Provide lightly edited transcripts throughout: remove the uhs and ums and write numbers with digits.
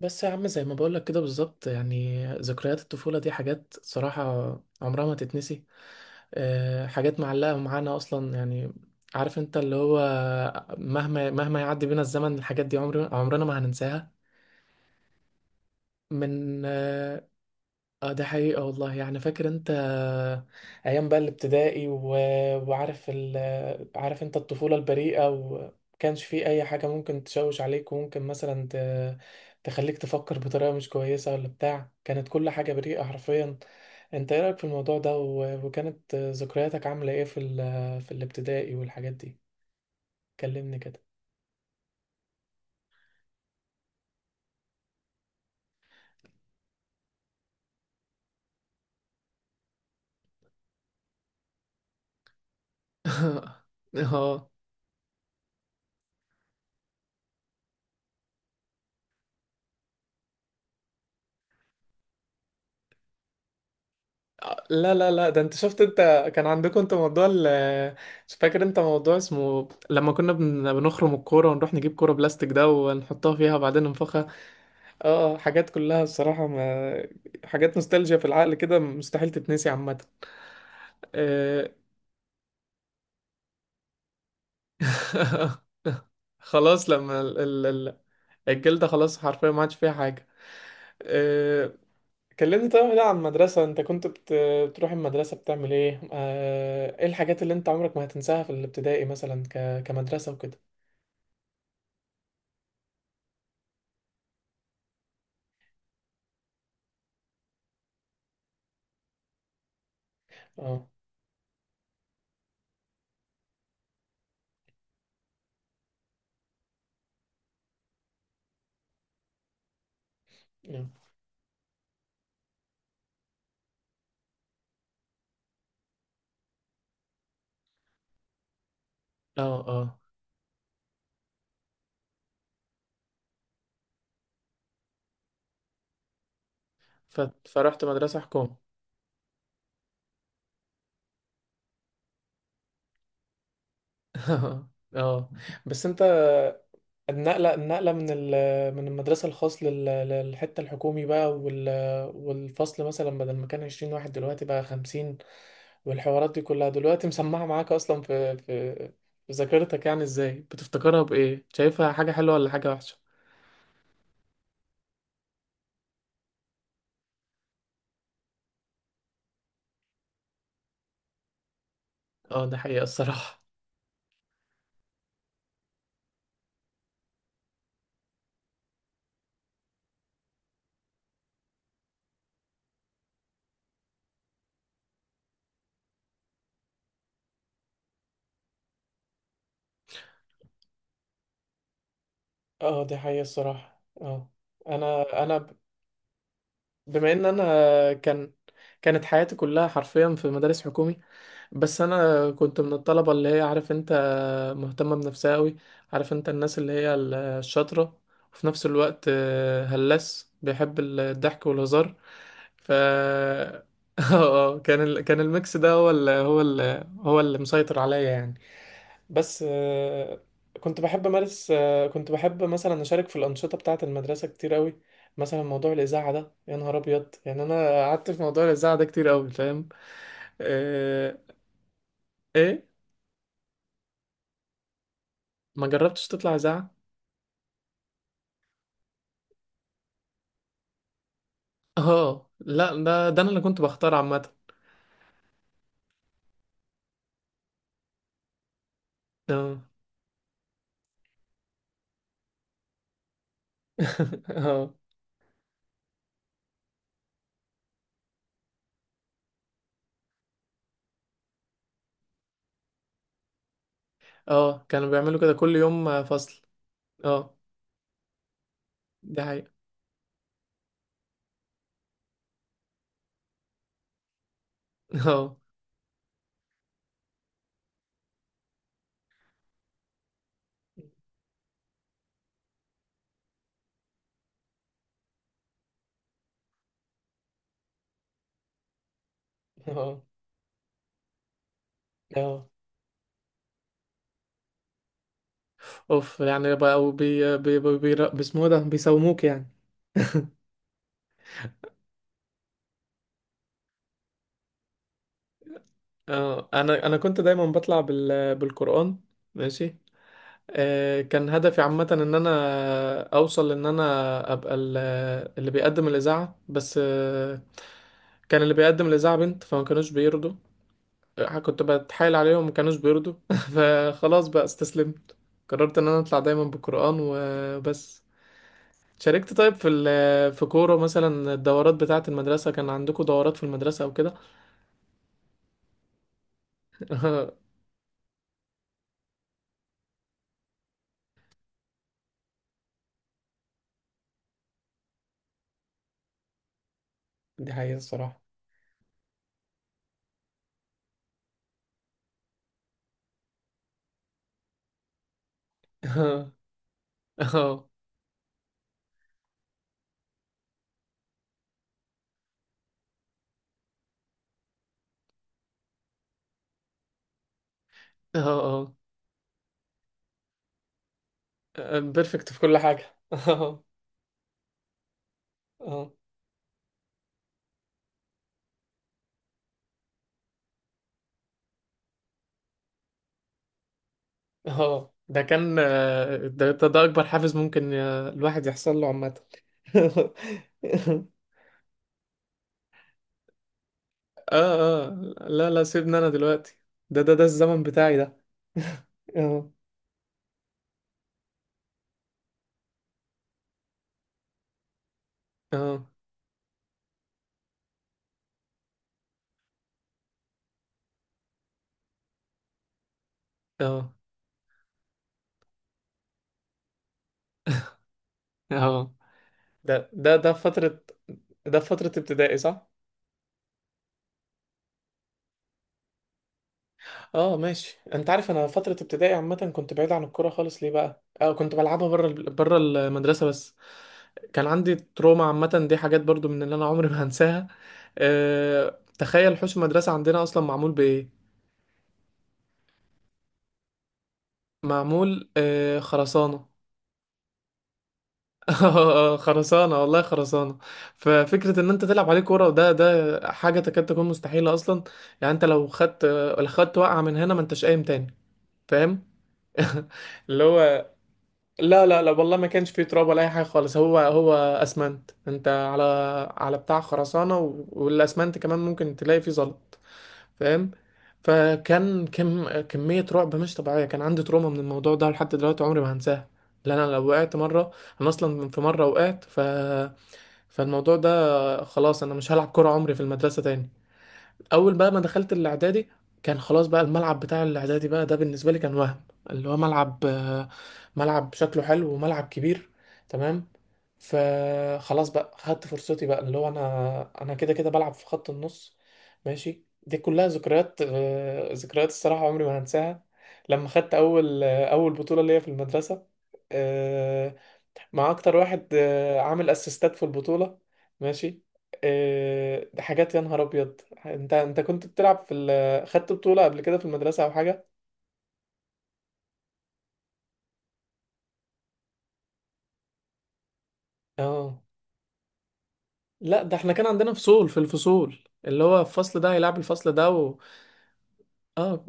بس يا عم زي ما بقولك كده بالظبط، يعني ذكريات الطفولة دي حاجات صراحة عمرها ما تتنسي. حاجات معلقة معانا أصلا يعني. عارف انت اللي هو مهما يعدي بينا الزمن الحاجات دي عمرنا ما هننساها من اه ده حقيقة والله. يعني فاكر انت ايام بقى الابتدائي وعارف ال... عارف انت الطفولة البريئة، ومكانش فيه اي حاجة ممكن تشوش عليك، وممكن مثلا تخليك تفكر بطريقة مش كويسة ولا بتاع. كانت كل حاجة بريئة حرفيا. انت ايه رأيك في الموضوع ده وكانت ذكرياتك عاملة ايه في الابتدائي والحاجات دي؟ كلمني كده. اه، لا ده انت شفت انت كان عندكم انت موضوع ال مش فاكر انت موضوع اسمه لما كنا بنخرم الكورة ونروح نجيب كورة بلاستيك ده ونحطها فيها وبعدين ننفخها. اه، حاجات كلها الصراحة ما... حاجات نوستالجيا في العقل كده مستحيل تتنسي عامة. آه، خلاص لما الجلدة خلاص حرفيا ما عادش فيها حاجة. آه، كلمني طيب بقى عن المدرسة. انت كنت بتروح المدرسة بتعمل ايه؟ ايه الحاجات اللي انت عمرك ما هتنساها في الابتدائي، مثلا كمدرسة وكده؟ اه. نعم. اه اه، ف... فرحت مدرسة حكومة. اه، بس انت النقلة من المدرسة الخاص للحتة الحكومي بقى والفصل مثلا بدل ما كان 20 واحد دلوقتي بقى 50، والحوارات دي كلها دلوقتي مسمعة معاك اصلا في في ذاكرتك. يعني ازاي بتفتكرها؟ بايه شايفها، حاجة حلوة ولا حاجة وحشة؟ اه ده حقيقة الصراحة. اه، دي حقيقة الصراحة. اه، انا بما ان انا كانت حياتي كلها حرفيا في مدارس حكومي. بس انا كنت من الطلبة اللي هي عارف انت مهتمة بنفسها قوي. عارف انت الناس اللي هي الشاطرة، وفي نفس الوقت هلاس بيحب الضحك والهزار. ف اه، كان كان الميكس ده هو اللي مسيطر عليا يعني. بس كنت بحب امارس كنت بحب مثلا اشارك في الانشطه بتاعه المدرسه كتير قوي. مثلا موضوع الاذاعه ده يا نهار ابيض، يعني انا قعدت في موضوع الاذاعه ده كتير قوي، فاهم؟ آه، ايه؟ ما جربتش تطلع اذاعه؟ اه لا، ده انا اللي كنت بختار عامه. اه. اه. اه كانوا بيعملوا كده كل يوم فصل. اه، دي حقيقه. اه. اه اه اوف، يعني بقوا بي اسمه إيه ده، بيساوموك يعني. اه انا كنت دايما بطلع بال بالقرآن. ماشي. آه كان هدفي عامة ان انا اوصل ان انا ابقى اللي بيقدم الاذاعة، بس آه كان اللي بيقدم الاذاعة بنت فما كانوش بيرضوا. كنت بتحايل عليهم ما كانوش بيرضوا. فخلاص بقى استسلمت. قررت ان انا اطلع دايما بالقرآن وبس. شاركت طيب في كورة مثلا؟ الدورات بتاعة المدرسة، كان عندكم دورات في المدرسة او كده؟ دي حقيقة الصراحة. اه. اه اه بيرفكت في كل حاجة. اه اه اه ده كان ده أكبر حافز ممكن الواحد يحصل له عامة. اه. اه لا سيبني أنا دلوقتي، ده ده الزمن بتاعي ده. اه اه اه اه ده ده فترة، ده فترة ابتدائي صح؟ اه ماشي. انت عارف انا فترة ابتدائي عامة كنت بعيد عن الكورة خالص. ليه بقى؟ اه كنت بلعبها بره بره المدرسة بس. كان عندي تروما عامة، دي حاجات برضو من اللي انا عمري ما هنساها. اه تخيل حوش المدرسة عندنا اصلا معمول بايه؟ معمول اه خرسانة. آه، خرسانة والله، خرسانة. ففكرة ان انت تلعب عليه كورة ده حاجة تكاد تكون مستحيلة اصلا. يعني انت لو خدت، لو خدت وقعة من هنا ما انتش قايم تاني، فاهم؟ اللي هو لا والله ما كانش فيه تراب ولا اي حاجه خالص، هو اسمنت انت على على بتاع خرسانه والاسمنت كمان ممكن تلاقي فيه زلط، فاهم؟ فكان كم كميه رعب مش طبيعيه. كان عندي تروما من الموضوع ده لحد دلوقتي عمري ما هنساه. لان انا لو وقعت مره، انا اصلا في مره وقعت، ف فالموضوع ده خلاص، انا مش هلعب كوره عمري في المدرسه تاني. اول بقى ما دخلت الاعدادي كان خلاص بقى الملعب بتاع الاعدادي بقى ده بالنسبه لي كان وهم. اللي هو ملعب ملعب شكله حلو وملعب كبير، تمام. فخلاص بقى خدت فرصتي بقى اللي هو انا، كده كده بلعب في خط النص. ماشي، دي كلها ذكريات ذكريات الصراحه عمري ما هنساها. لما خدت اول اول بطوله ليا في المدرسه، آه، مع اكتر واحد عامل اسيستات في البطولة. ماشي. ده حاجات يا نهار ابيض. انت انت كنت بتلعب خدت بطولة قبل كده في المدرسة او حاجة؟ اه لا، ده احنا كان عندنا فصول في الفصول، اللي هو الفصل ده هيلعب الفصل ده اه.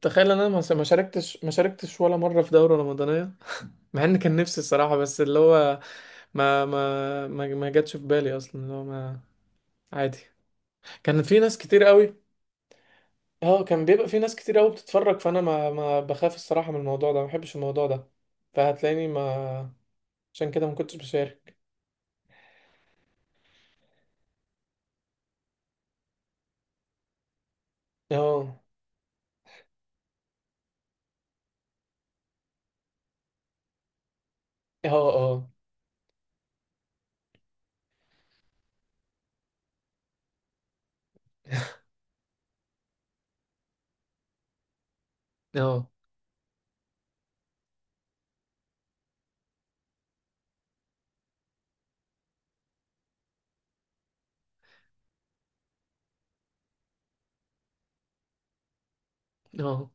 تخيل انا ما شاركتش، ما شاركتش ولا مرة في دورة رمضانية. مع ان كان نفسي الصراحة، بس اللي هو ما ما جاتش في بالي اصلا اللي هو ما. عادي. كان في ناس كتير قوي، اه كان بيبقى في ناس كتير قوي بتتفرج، فانا ما بخاف الصراحه من الموضوع ده، ما بحبش الموضوع ده. فهتلاقيني ما عشان كده ما كنتش بشارك. اه. اه. اه. اه. اه.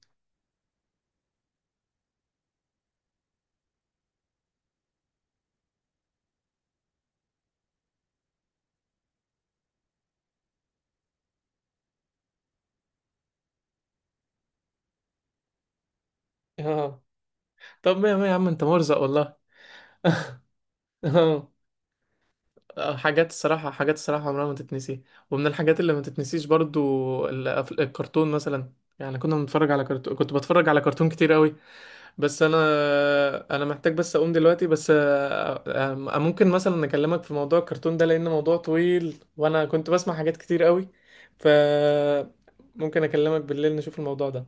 اه. طب ما ما يا عم انت مرزق والله. اه. حاجات الصراحه، حاجات الصراحه عمرها ما تتنسي. ومن الحاجات اللي ما تتنسيش برضو الكرتون مثلا. يعني كنا بنتفرج على كرتون، كنت بتفرج على كرتون كتير قوي. بس انا، محتاج بس اقوم دلوقتي، بس ممكن مثلا اكلمك في موضوع الكرتون ده؟ لان موضوع طويل وانا كنت بسمع حاجات كتير قوي. ف ممكن اكلمك بالليل نشوف الموضوع ده.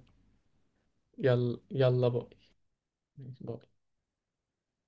يلا يلا باي. باي.